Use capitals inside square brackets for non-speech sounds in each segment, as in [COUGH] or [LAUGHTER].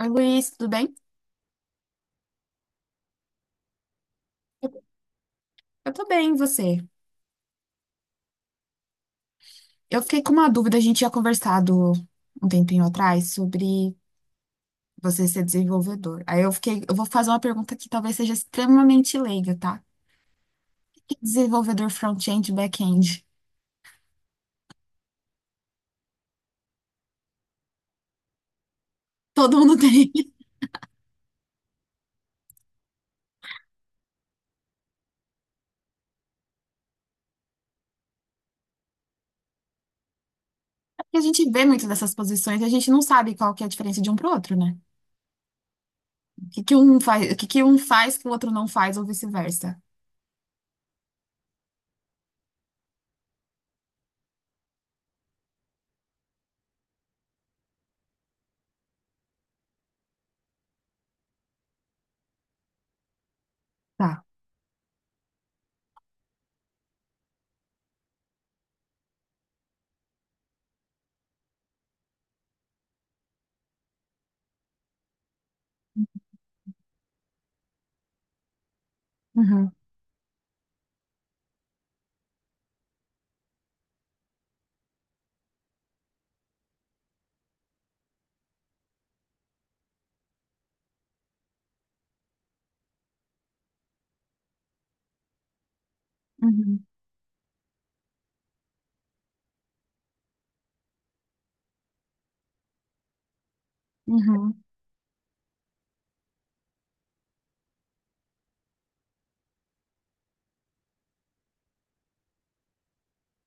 Oi, Luiz, tudo bem? Eu tô bem, e você? Eu fiquei com uma dúvida, a gente tinha conversado um tempinho atrás sobre você ser desenvolvedor. Aí eu fiquei, eu vou fazer uma pergunta que talvez seja extremamente leiga, tá? O que é desenvolvedor front-end e back-end? Todo mundo tem. [LAUGHS] Porque a gente vê muito dessas posições e a gente não sabe qual que é a diferença de um pro outro, né? O que que um faz, o que que um faz que o outro não faz ou vice-versa. Tá. Uhum, uhum, uhum.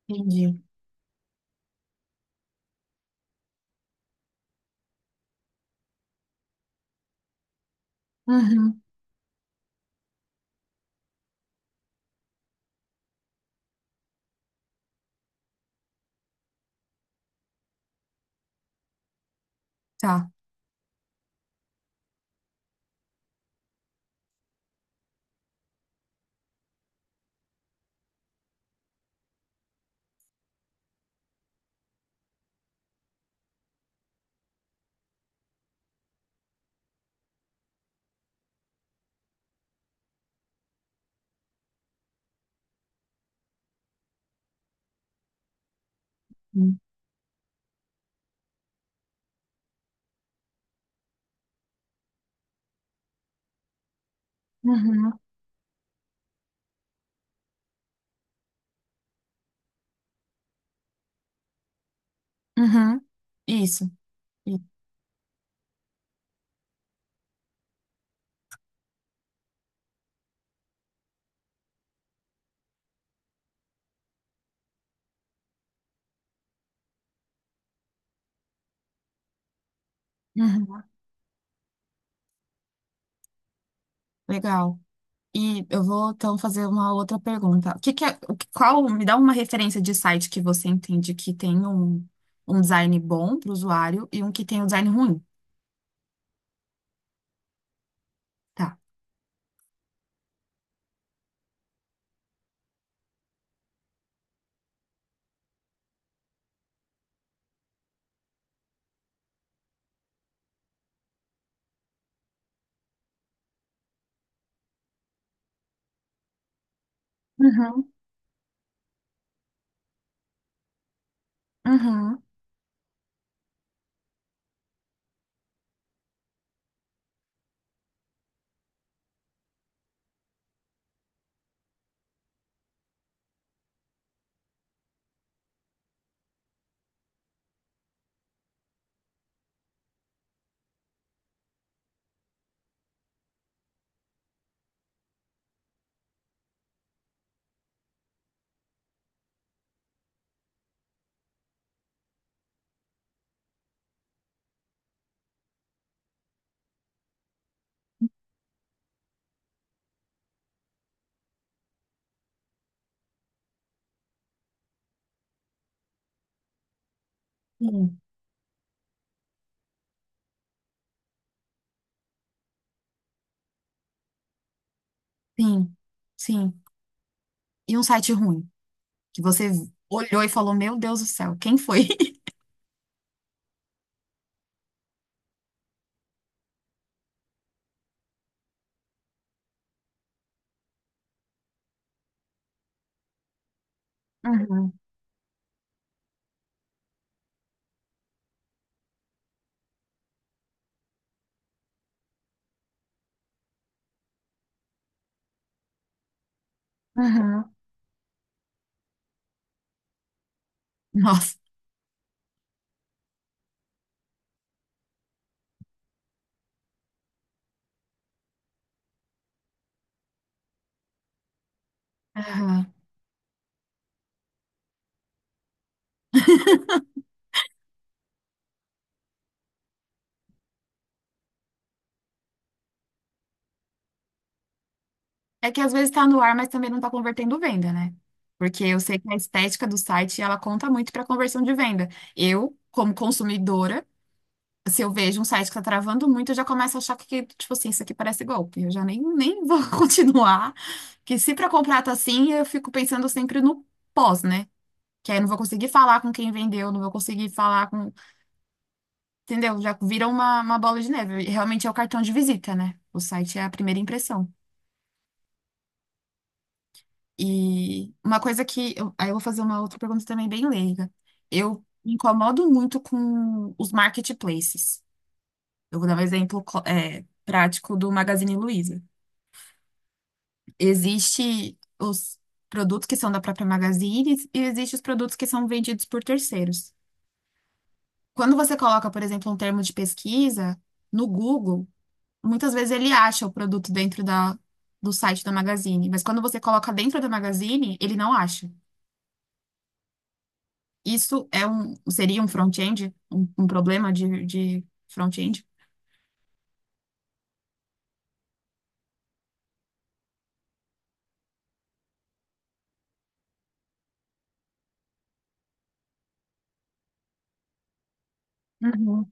Entendi. Uhum, tá. Uhum, uhum. Uhum. Isso. Uhum. Legal. E eu vou então fazer uma outra pergunta. O que que é, qual, me dá uma referência de site que você entende que tem um, um design bom para o usuário e um que tem um design ruim? Tá. Uhum. Uhum. Sim, sim, sim. E um site ruim, que você olhou e falou, meu Deus do céu, quem foi? [LAUGHS] Uhum. Uhum. Nossa. É que às vezes está no ar, mas também não está convertendo venda, né? Porque eu sei que a estética do site, ela conta muito para conversão de venda. Eu, como consumidora, se eu vejo um site que está travando muito, eu já começo a achar que, tipo assim, isso aqui parece golpe. Eu já nem vou [LAUGHS] continuar. Que se para comprar tá assim, eu fico pensando sempre no pós, né? Que aí eu não vou conseguir falar com quem vendeu, não vou conseguir falar com. Entendeu? Já vira uma bola de neve. Realmente é o cartão de visita, né? O site é a primeira impressão. E uma coisa que eu, aí eu vou fazer uma outra pergunta também bem leiga. Eu me incomodo muito com os marketplaces. Eu vou dar um exemplo, prático do Magazine Luiza. Existe os produtos que são da própria Magazine e existe os produtos que são vendidos por terceiros. Quando você coloca, por exemplo, um termo de pesquisa no Google, muitas vezes ele acha o produto dentro do site da Magazine, mas quando você coloca dentro da Magazine, ele não acha. Isso é um, seria um front-end? Um problema de front-end? Uhum,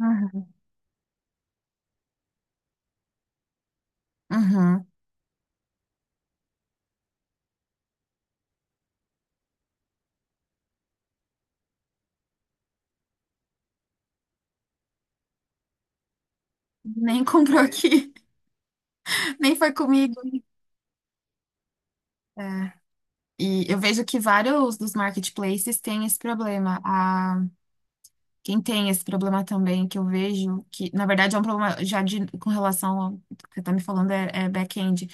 uhum. Uhum. Nem comprou. É, aqui, [LAUGHS] nem foi comigo. É. E eu vejo que vários dos marketplaces têm esse problema. A, quem tem esse problema também, que eu vejo, que na verdade é um problema já de, com relação ao o que você está me falando, é back-end,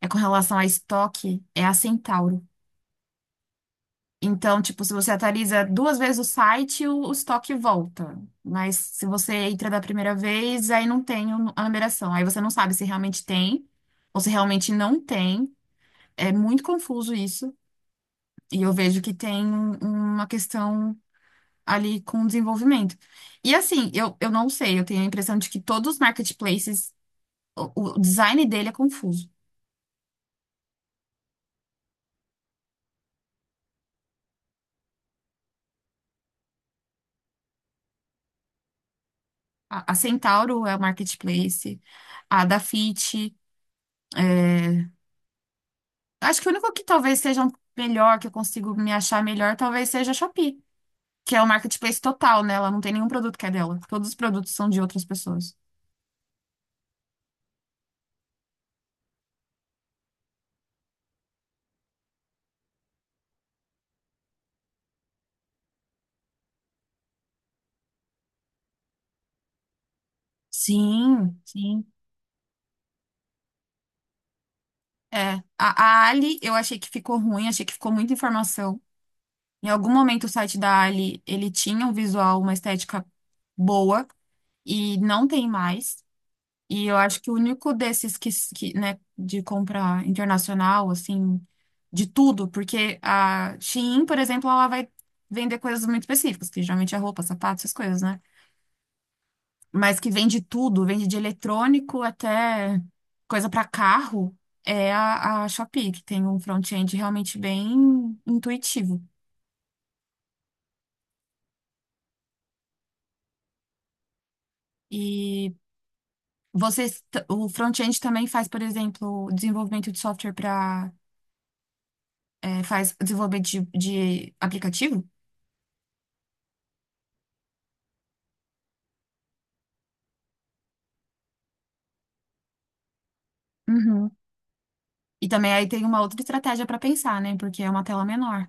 é com relação a estoque, é a Centauro. Então, tipo, se você atualiza duas vezes o site, o estoque volta. Mas se você entra da primeira vez, aí não tem a numeração. Aí você não sabe se realmente tem ou se realmente não tem. É muito confuso isso. E eu vejo que tem uma questão ali com o desenvolvimento. E assim, eu não sei, eu tenho a impressão de que todos os marketplaces, o design dele é confuso. A Centauro é o marketplace, a da Fit. Acho que o único que talvez seja um melhor, que eu consigo me achar melhor, talvez seja a Shopee, que é o marketplace total, né? Ela não tem nenhum produto que é dela. Todos os produtos são de outras pessoas. Sim, sim. É. A Ali, eu achei que ficou ruim, achei que ficou muita informação. Em algum momento o site da Ali, ele tinha um visual, uma estética boa, e não tem mais. E eu acho que o único desses que, né, de compra internacional, assim, de tudo, porque a Shein, por exemplo, ela vai vender coisas muito específicas, que geralmente é roupa, sapato, essas coisas, né? Mas que vende tudo, vende de eletrônico até coisa para carro, é a Shopee, que tem um front-end realmente bem intuitivo. E vocês, o front-end também faz, por exemplo, desenvolvimento de software para, faz desenvolvimento de aplicativo? Uhum. E também aí tem uma outra estratégia para pensar, né? Porque é uma tela menor.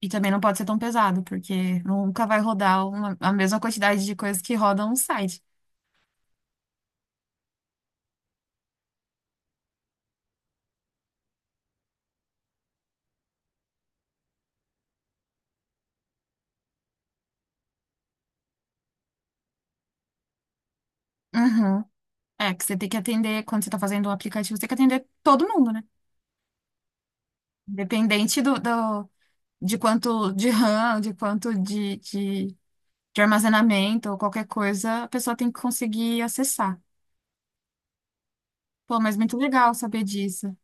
E também não pode ser tão pesado, porque nunca vai rodar a mesma quantidade de coisas que rodam um site. Uhum. É, que você tem que atender, quando você está fazendo um aplicativo, você tem que atender todo mundo, né? Independente de quanto de RAM, de quanto de armazenamento ou qualquer coisa, a pessoa tem que conseguir acessar. Pô, mas muito legal saber disso.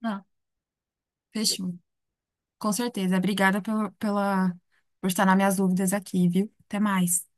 Não, fechou. Com certeza. Obrigada pelo, pela, por estar nas minhas dúvidas aqui, viu? Até mais.